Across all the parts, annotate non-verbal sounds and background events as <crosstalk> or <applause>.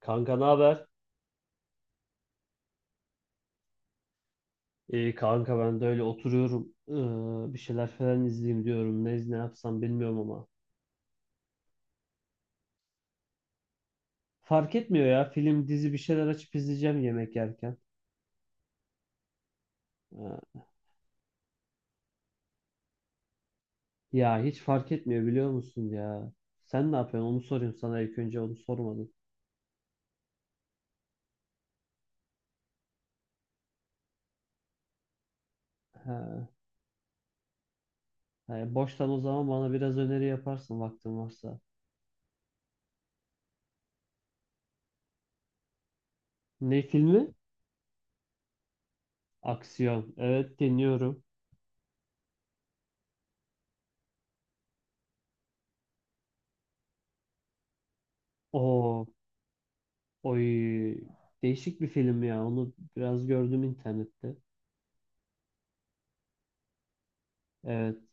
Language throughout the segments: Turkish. Kanka ne haber? İyi kanka ben de öyle oturuyorum. Bir şeyler falan izleyeyim diyorum. Ne yapsam bilmiyorum ama. Fark etmiyor ya. Film, dizi bir şeyler açıp izleyeceğim yemek yerken. Ee, Ya hiç fark etmiyor biliyor musun ya. Sen ne yapıyorsun? Onu sorayım sana, ilk önce onu sormadım. Ha, ha, Boştan o zaman bana biraz öneri yaparsın vaktin varsa. Ne filmi? Aksiyon. Evet, dinliyorum. Oo, oy. Değişik bir film ya. Onu biraz gördüm internette. Evet.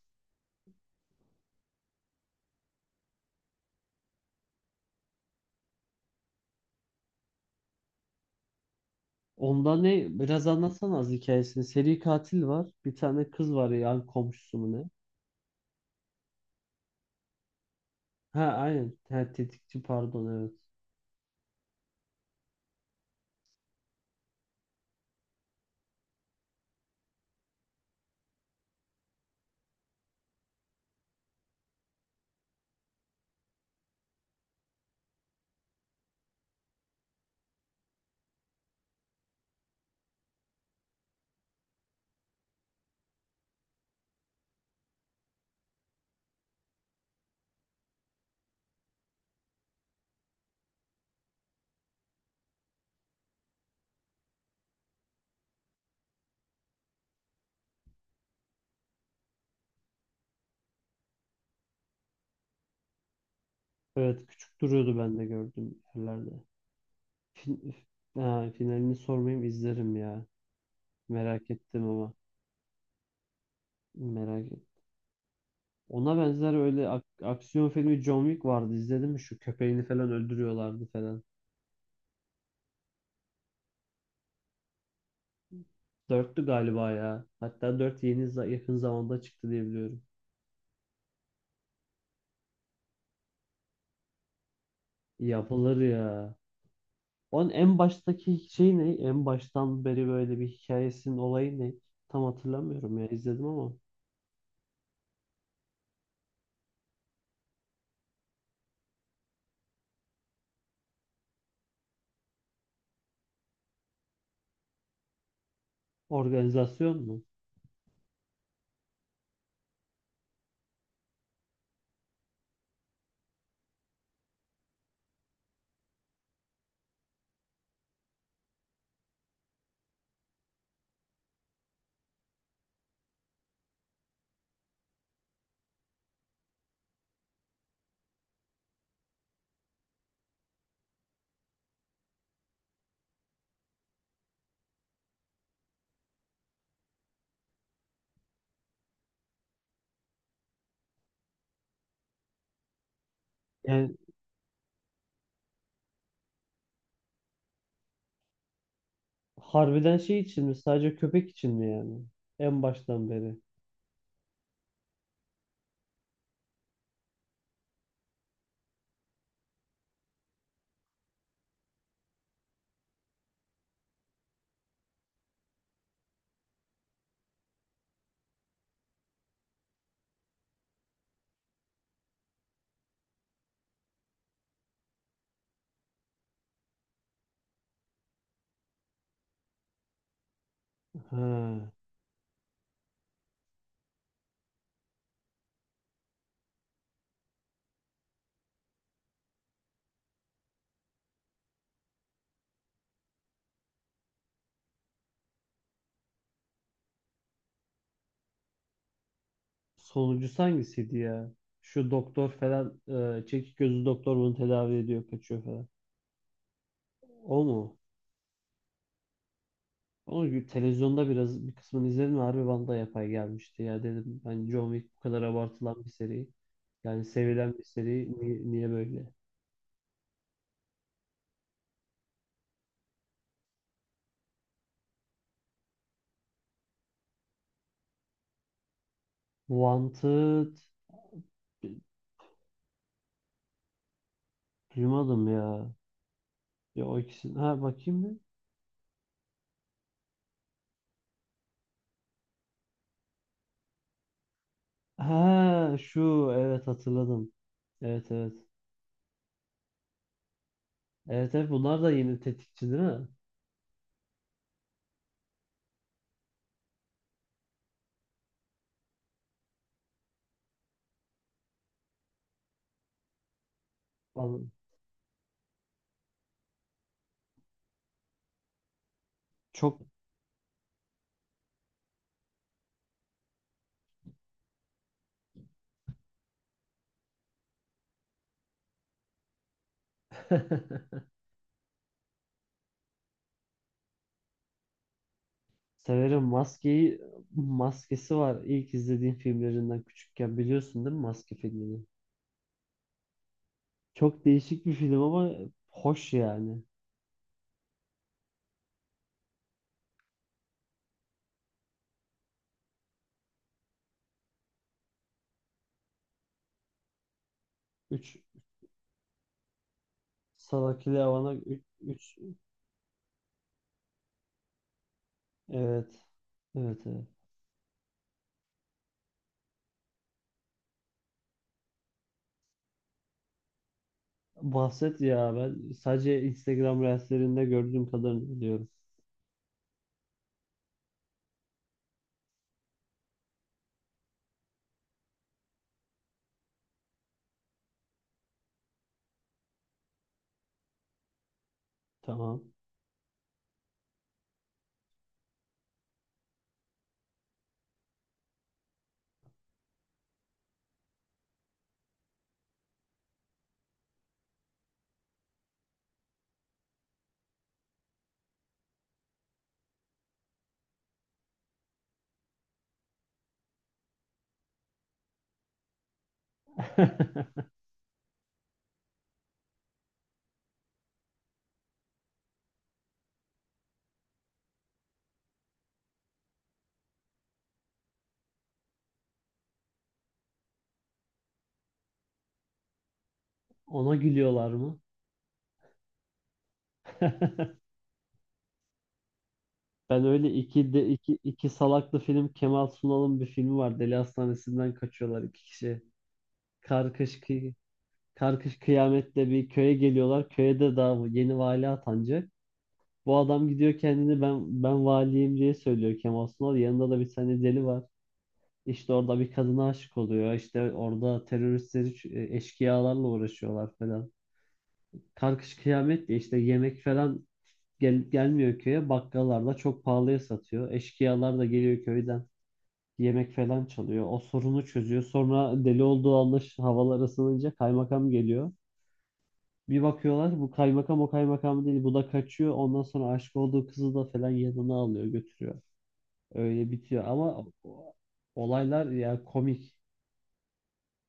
Onda ne? Biraz anlatsana az hikayesini. Seri katil var. Bir tane kız var, yani komşusu mu ne? Ha aynen. Ha, tetikçi pardon, evet. Evet, küçük duruyordu, ben de gördüm yerlerde. Fin- ha, finalini sormayayım, izlerim ya. Merak ettim ama. Merak ettim. Ona benzer öyle aksiyon filmi John Wick vardı. İzledin mi, şu köpeğini falan öldürüyorlardı falan. Dörtlü galiba ya. Hatta dört yeni yakın zamanda çıktı diye biliyorum. Yapılır ya. Onun en baştaki şey ne? En baştan beri böyle bir hikayesinin olayı ne? Tam hatırlamıyorum ya, izledim ama. Organizasyon mu? Yani harbiden şey için mi? Sadece köpek için mi yani? En baştan beri. Ha. Sonuncusu hangisiydi ya? Şu doktor falan, çekik gözlü doktor bunu tedavi ediyor, kaçıyor falan. O mu? Ama bir televizyonda biraz bir kısmını izledim. Ve harbi bana da yapay gelmişti. Ya dedim, ben John Wick bu kadar abartılan bir seri. Yani sevilen bir seri. Niye böyle? Wanted duymadım ya. Ya o ikisini. Ha, bakayım mı? Ha şu, evet, hatırladım. Evet, evet. Evet, evet, bunlar da yeni tetikçi değil mi? Vallahi çok <laughs> severim. Maskesi var. İlk izlediğim filmlerinden küçükken, biliyorsun değil mi Maske filmini? Çok değişik bir film ama hoş yani. 3 Salakili Havana 3, evet. Evet, evet. Bahset ya, ben sadece Instagram Reels'lerinde gördüğüm kadarını biliyorum. Tamam. <laughs> Ona gülüyorlar mı? <laughs> Ben öyle iki salaklı film, Kemal Sunal'ın bir filmi var. Deli Hastanesi'nden kaçıyorlar iki kişi. Karkış kıy Karkış kıyamette bir köye geliyorlar. Köyde daha yeni vali atanacak. Bu adam gidiyor, kendini ben valiyim diye söylüyor, Kemal Sunal. Yanında da bir tane deli var. İşte orada bir kadına aşık oluyor. İşte orada teröristleri, eşkıyalarla uğraşıyorlar falan. Karkış kıyamet diye işte yemek falan gel, gelmiyor köye. Bakkallar da çok pahalıya satıyor. Eşkıyalar da geliyor köyden, yemek falan çalıyor. O sorunu çözüyor. Sonra deli olduğu anlaş, havalar ısınınca kaymakam geliyor. Bir bakıyorlar, bu kaymakam o kaymakam değil. Bu da kaçıyor. Ondan sonra aşık olduğu kızı da falan yanına alıyor, götürüyor. Öyle bitiyor ama olaylar ya komik.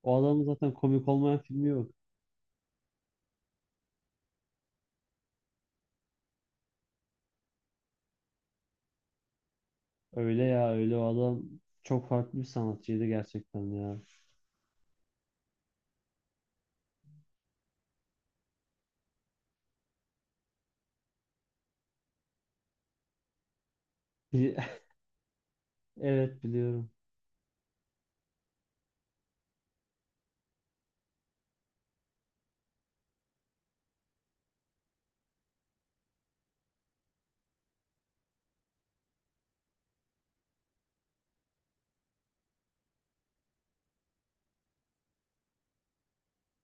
O adamın zaten komik olmayan filmi yok. Öyle ya, öyle, o adam çok farklı bir sanatçıydı gerçekten ya. Bir- <laughs> Evet, biliyorum.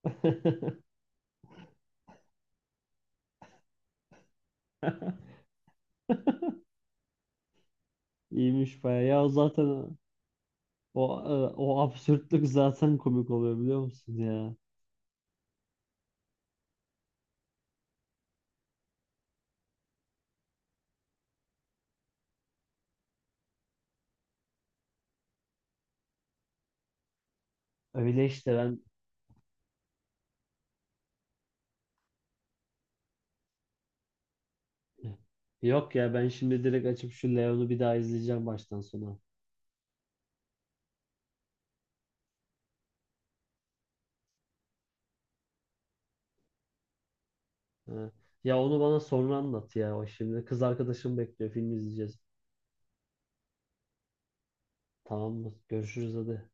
<laughs> İyiymiş baya. Ya o zaten o e, o absürtlük zaten komik oluyor, biliyor musun ya. Öyle işte ben Yok ya, ben şimdi direkt açıp şu Leon'u bir daha izleyeceğim baştan sona. Ha. Ya onu bana sonra anlat ya. O şimdi kız arkadaşım bekliyor, film izleyeceğiz. Tamamdır. Görüşürüz hadi.